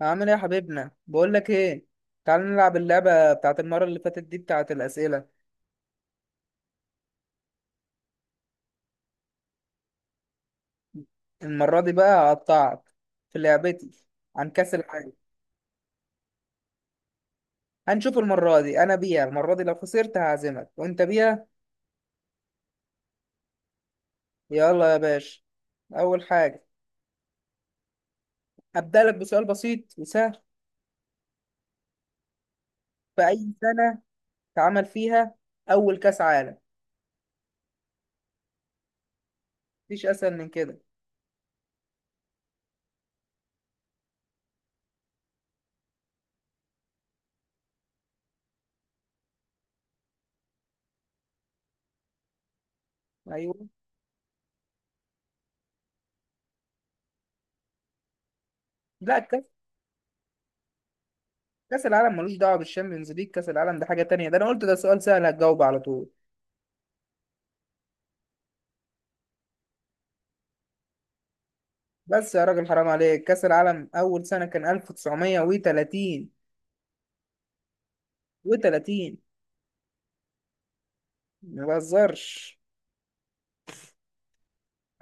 عامل ايه يا حبيبنا؟ بقول لك ايه. تعال نلعب اللعبه بتاعت المره اللي فاتت دي، بتاعت الاسئله. المره دي بقى هقطعك في لعبتي عن كاس العالم. هنشوف المره دي انا بيها. المره دي لو خسرت هعزمك وانت بيها. يلا يا باشا. اول حاجه، هبدا لك بسؤال بسيط وسهل. في اي سنه اتعمل فيها اول كاس عالم؟ مفيش اسهل من كده. ايوه. لا، كاس. كاس العالم ملوش دعوه بالشامبيونز ليج. كاس العالم ده حاجه تانية. ده انا قلت ده سؤال سهل هتجاوب على طول. بس يا راجل، حرام عليك. كأس العالم أول سنة كان 1930. و30. ما بهزرش.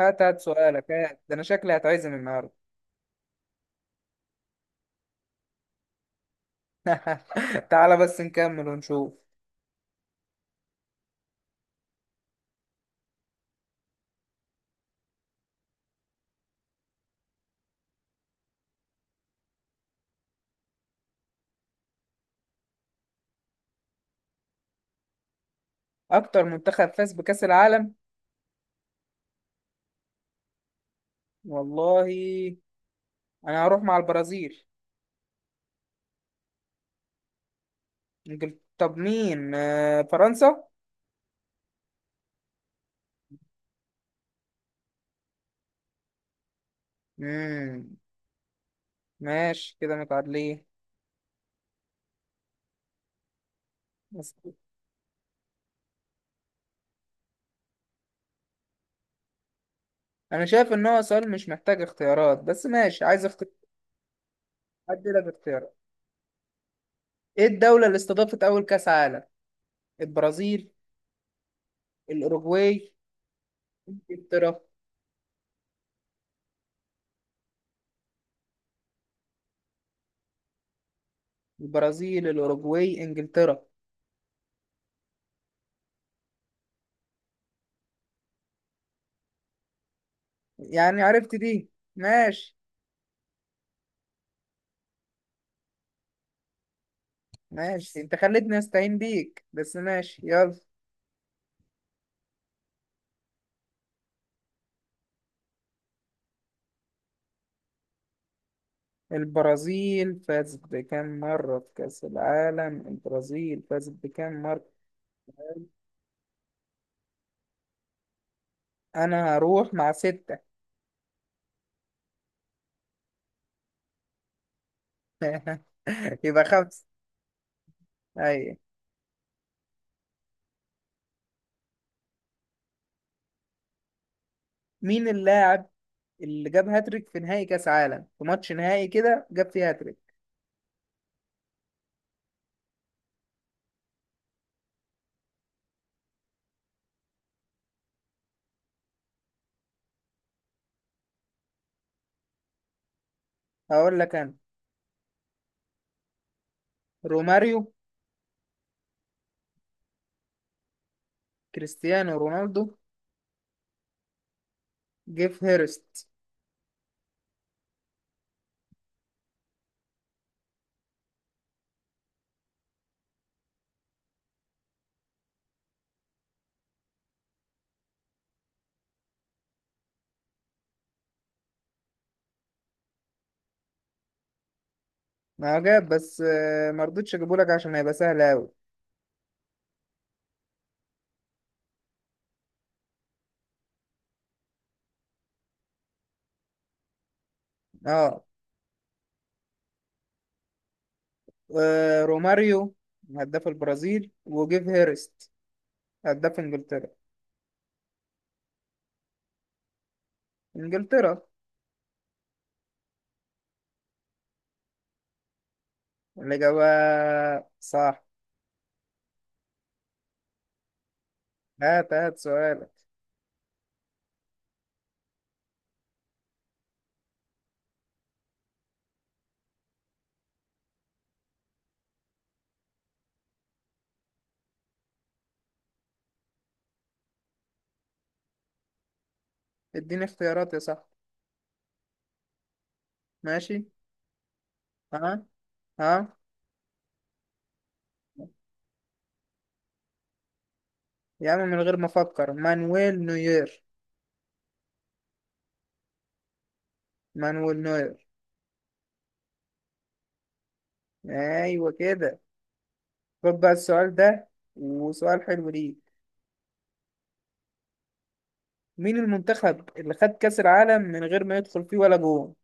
هات هات سؤالك. هات، ده أنا شكلي هتعزم النهاردة. تعالى بس نكمل ونشوف. أكتر منتخب فاز بكأس العالم. والله، أنا هروح مع البرازيل. طب مين، فرنسا. مم. ماشي كده متعادلين. بس- أنا شايف إن هو سؤال مش محتاج اختيارات، بس ماشي، عايز اختيار. أدي لك اختيارات. إيه الدولة اللي استضافت أول كأس عالم؟ البرازيل، الأوروغواي، إنجلترا. البرازيل، الأوروغواي، إنجلترا. يعني عرفت دي. ماشي. ماشي، أنت خليتني أستعين بيك، بس ماشي، يلا. البرازيل فازت بكام مرة في كأس العالم؟ البرازيل فازت بكام مرة؟ أنا هروح مع ستة. يبقى خمسة. أيوة. مين اللاعب اللي جاب هاتريك في نهائي كأس عالم، في ماتش نهائي كده جاب فيه هاتريك؟ هقول لك أنا. روماريو. كريستيانو رونالدو. جيف هيرست. ما هو جاب، بس ما رضيتش اجيبه لك عشان هيبقى سهل قوي. اه. روماريو هداف البرازيل، وجيف هيرست هداف انجلترا. انجلترا. الاجابه صح. هات هات سؤالك. اديني اختيارات يا صاحبي. ماشي. ها، ها. يا عم، من غير ما افكر مانويل نوير. مانويل نوير. ايوه كده. خد بقى السؤال ده، وسؤال حلو ليك. مين المنتخب اللي خد كأس العالم من غير ما يدخل فيه ولا جول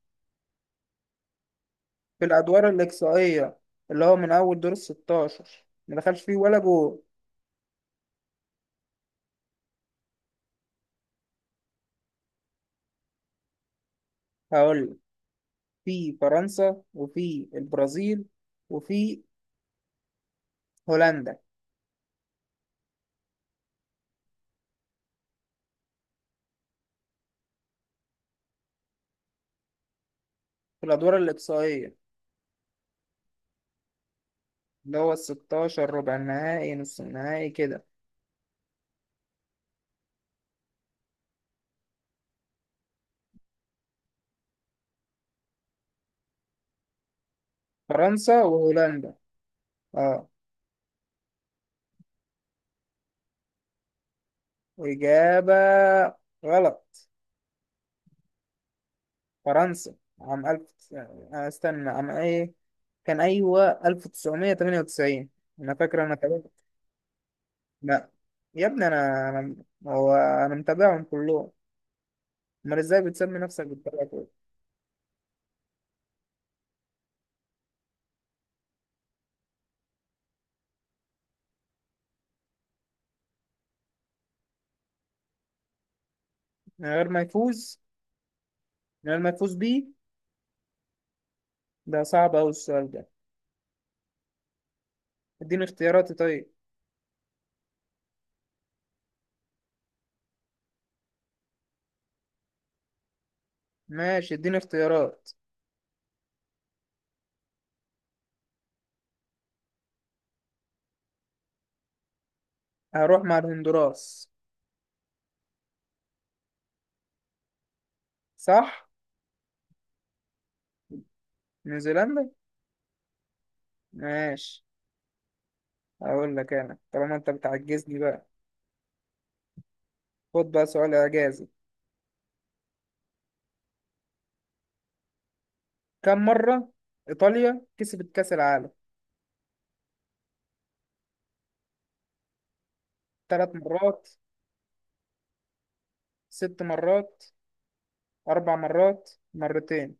في الأدوار الإقصائية؟ اللي هو من أول دور الستاشر ما دخلش فيه ولا جول. هقول، في فرنسا، وفي البرازيل، وفي هولندا. في الأدوار الإقصائية، اللي هو الستاشر، ربع النهائي، نص النهائي كده. فرنسا وهولندا. اه. وإجابة غلط. فرنسا عام ألف، استنى عام إيه كان، أيوة، 1998، أنا فاكر أنا. لا. يا ابني، انا هو انا متابعهم كلهم. امال ازاي بتسمي نفسك بالطريقه كده؟ من غير ما يفوز. من غير ما يفوز بيه. ده صعب اوي السؤال ده. اديني اختياراتي طيب. ماشي، اديني اختيارات. هروح مع الهندوراس. صح. نيوزيلندا. ماشي. اقول لك انا، طالما انت بتعجزني بقى. خد بقى سؤال اعجازي. كم مره ايطاليا كسبت كاس العالم؟ ثلاث مرات، ست مرات، اربع مرات، مرتين.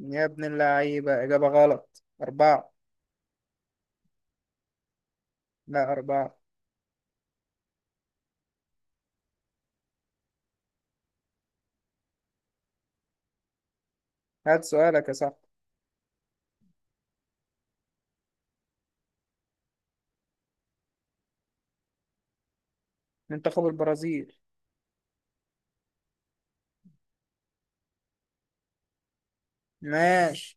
يا ابن اللعيبة، إجابة غلط. أربعة. لا، أربعة. هات سؤالك يا صاحبي. منتخب البرازيل. ماشي.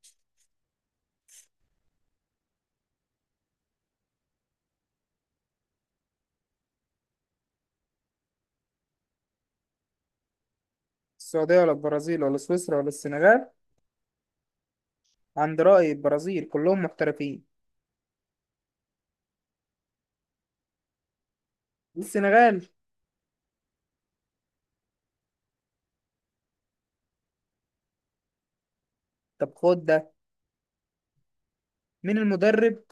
السعودية، ولا البرازيل، ولا سويسرا، ولا السنغال؟ عند رأي البرازيل كلهم محترفين. السنغال. طب خد ده. مين المدرب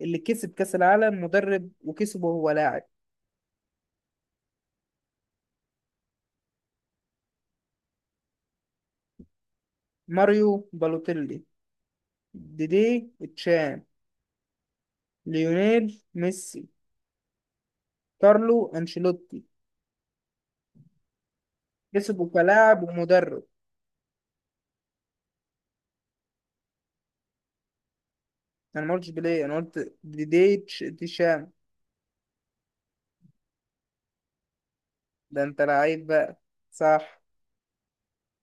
اللي كسب كأس العالم مدرب، وكسبه وهو لاعب؟ ماريو بالوتيلي. ديدي تشان. ليونيل ميسي. كارلو أنشيلوتي. كسبه كلاعب ومدرب. أنا ما قلتش بليه، أنا قلت ديدي تشام. ده انت لعيب بقى. صح.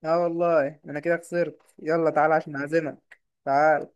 اه والله، انا كده خسرت. يلا تعالى عشان اعزمك، تعال.